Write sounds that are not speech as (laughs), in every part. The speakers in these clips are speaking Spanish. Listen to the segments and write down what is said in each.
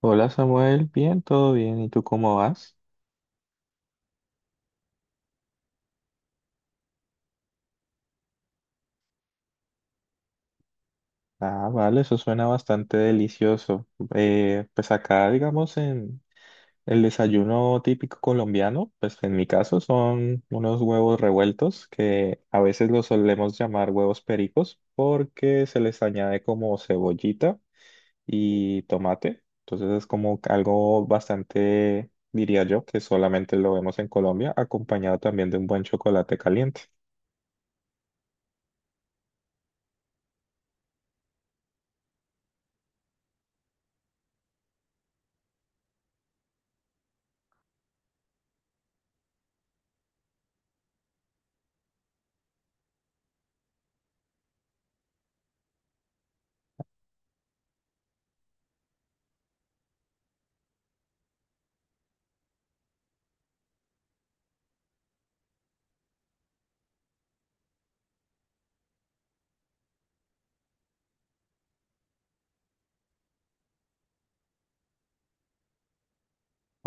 Hola Samuel, bien, todo bien, ¿y tú cómo vas? Ah, vale, eso suena bastante delicioso. Pues acá, digamos, en el desayuno típico colombiano, pues en mi caso son unos huevos revueltos que a veces los solemos llamar huevos pericos porque se les añade como cebollita y tomate. Entonces es como algo bastante, diría yo, que solamente lo vemos en Colombia, acompañado también de un buen chocolate caliente.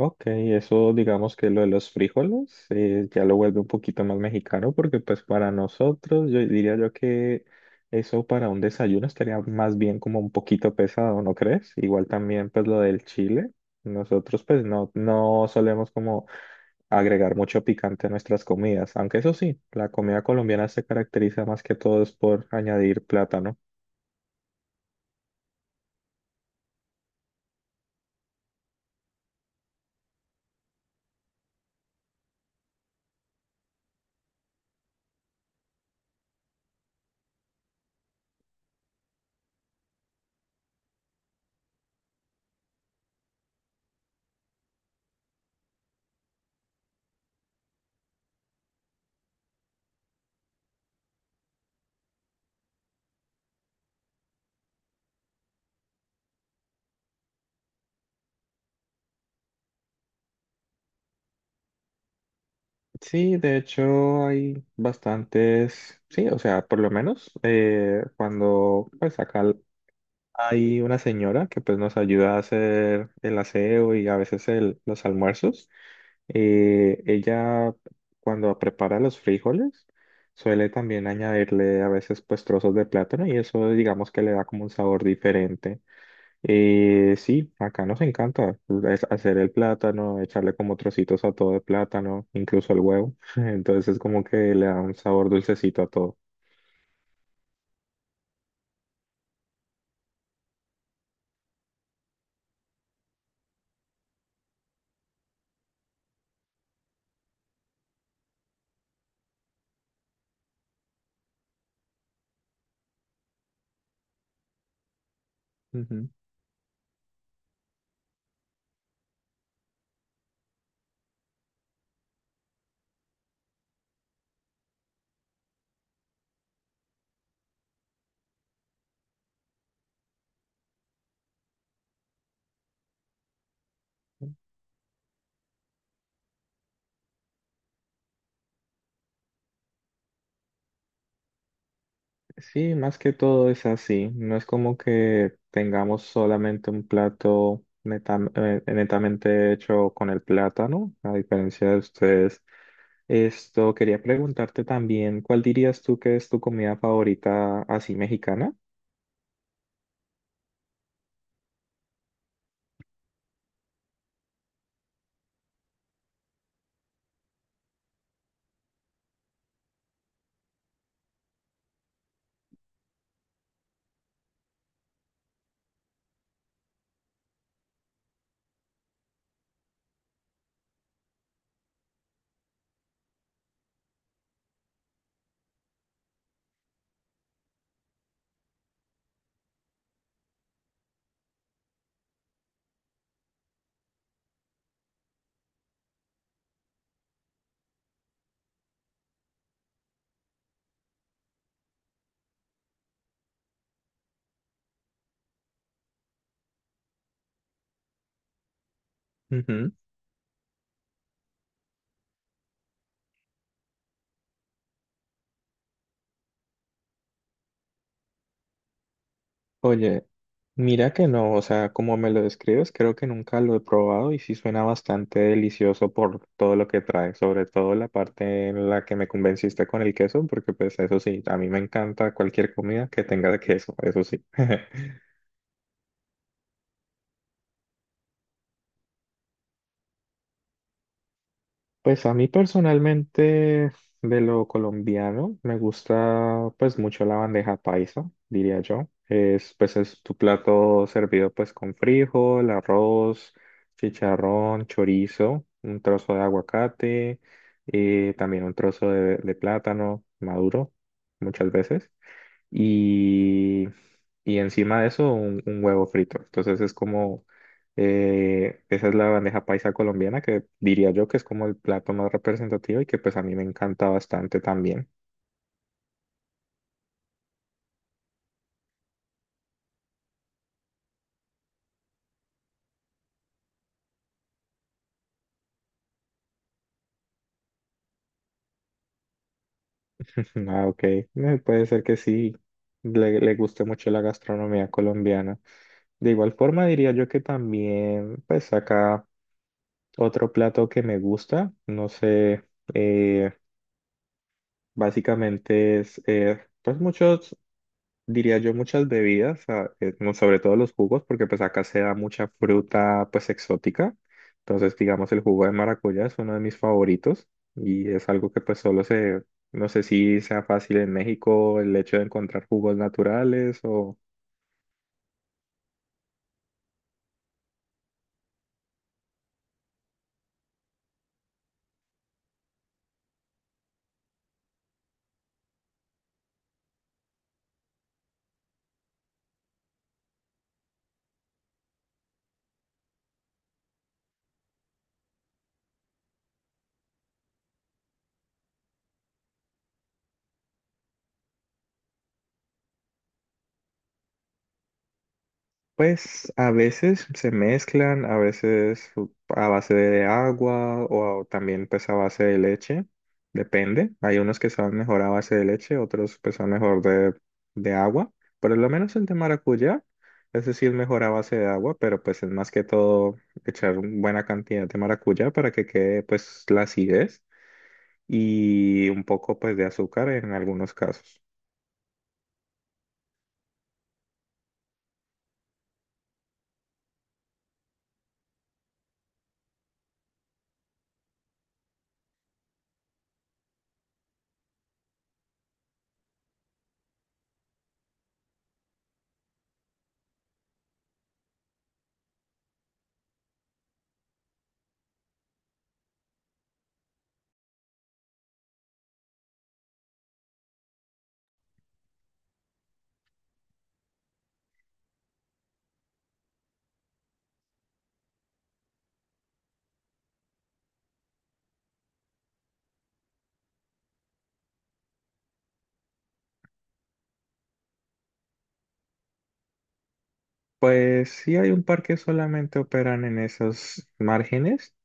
Ok, eso digamos que lo de los frijoles ya lo vuelve un poquito más mexicano porque pues para nosotros yo diría yo que eso para un desayuno estaría más bien como un poquito pesado, ¿no crees? Igual también pues lo del chile, nosotros pues no, no solemos como agregar mucho picante a nuestras comidas, aunque eso sí, la comida colombiana se caracteriza más que todo es por añadir plátano. Sí, de hecho hay bastantes, sí, o sea, por lo menos cuando pues acá hay una señora que pues nos ayuda a hacer el aseo y a veces los almuerzos, ella cuando prepara los frijoles suele también añadirle a veces pues trozos de plátano y eso digamos que le da como un sabor diferente. Sí, acá nos encanta pues, es hacer el plátano, echarle como trocitos a todo el plátano, incluso el huevo. (laughs) Entonces es como que le da un sabor dulcecito a todo. Ujú. Sí, más que todo es así. No es como que tengamos solamente un plato netamente hecho con el plátano, a diferencia de ustedes. Esto quería preguntarte también, ¿cuál dirías tú que es tu comida favorita así mexicana? Oye, mira que no, o sea, como me lo describes, creo que nunca lo he probado y sí suena bastante delicioso por todo lo que trae, sobre todo la parte en la que me convenciste con el queso, porque pues eso sí, a mí me encanta cualquier comida que tenga queso, eso sí. (laughs) Pues a mí personalmente de lo colombiano me gusta pues mucho la bandeja paisa, diría yo. Es pues es tu plato servido pues con frijol, arroz, chicharrón, chorizo, un trozo de aguacate, también un trozo de plátano maduro muchas veces y, y encima de eso un huevo frito. Entonces es como, esa es la bandeja paisa colombiana que diría yo que es como el plato más representativo y que pues a mí me encanta bastante también. (laughs) Ah, ok. Puede ser que sí, le guste mucho la gastronomía colombiana. De igual forma diría yo que también pues acá otro plato que me gusta, no sé, eh, básicamente es pues mucho diría yo, muchas bebidas, como sobre todo los jugos, porque pues acá se da mucha fruta pues exótica. Entonces, digamos, el jugo de maracuyá es uno de mis favoritos y es algo que pues no sé si sea fácil en México el hecho de encontrar jugos naturales o... Pues a veces se mezclan, a veces a base de agua o también pues a base de leche, depende. Hay unos que saben mejor a base de leche, otros pues son mejor de agua. Por lo menos el de maracuyá, ese sí es mejor a base de agua, pero pues es más que todo echar una buena cantidad de maracuyá para que quede pues la acidez y un poco pues de azúcar en algunos casos. Pues sí hay un par que solamente operan en esos márgenes.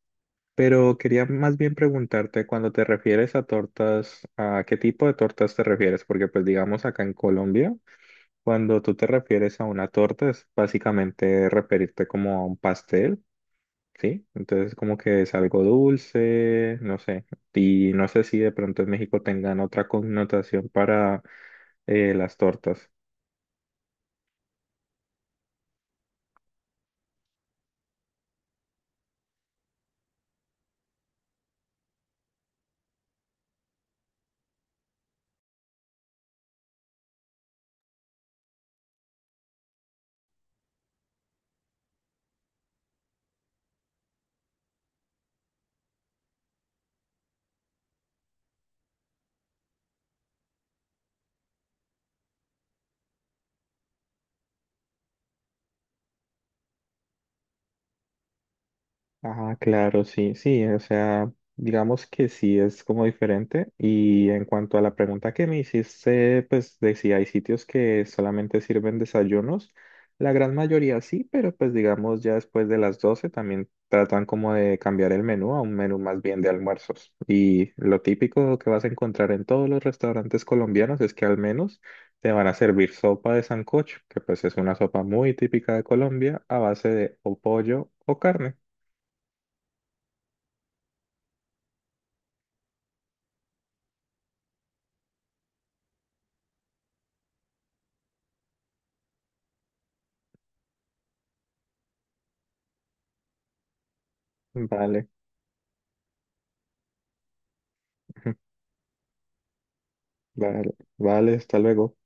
Pero quería más bien preguntarte, cuando te refieres a tortas, ¿a qué tipo de tortas te refieres? Porque pues digamos acá en Colombia, cuando tú te refieres a una torta es básicamente referirte como a un pastel, ¿sí? Entonces como que es algo dulce, no sé. Y no sé si de pronto en México tengan otra connotación para las tortas. Ah, claro, sí, sí, o sea, digamos que sí es como diferente. Y en cuanto a la pregunta que me hiciste, pues de si hay sitios que solamente sirven desayunos, la gran mayoría sí, pero pues digamos ya después de las 12 también tratan como de cambiar el menú a un menú más bien de almuerzos. Y lo típico que vas a encontrar en todos los restaurantes colombianos es que al menos te van a servir sopa de sancocho, que pues es una sopa muy típica de Colombia a base de o pollo o carne. Vale, (laughs) vale, vale, hasta luego.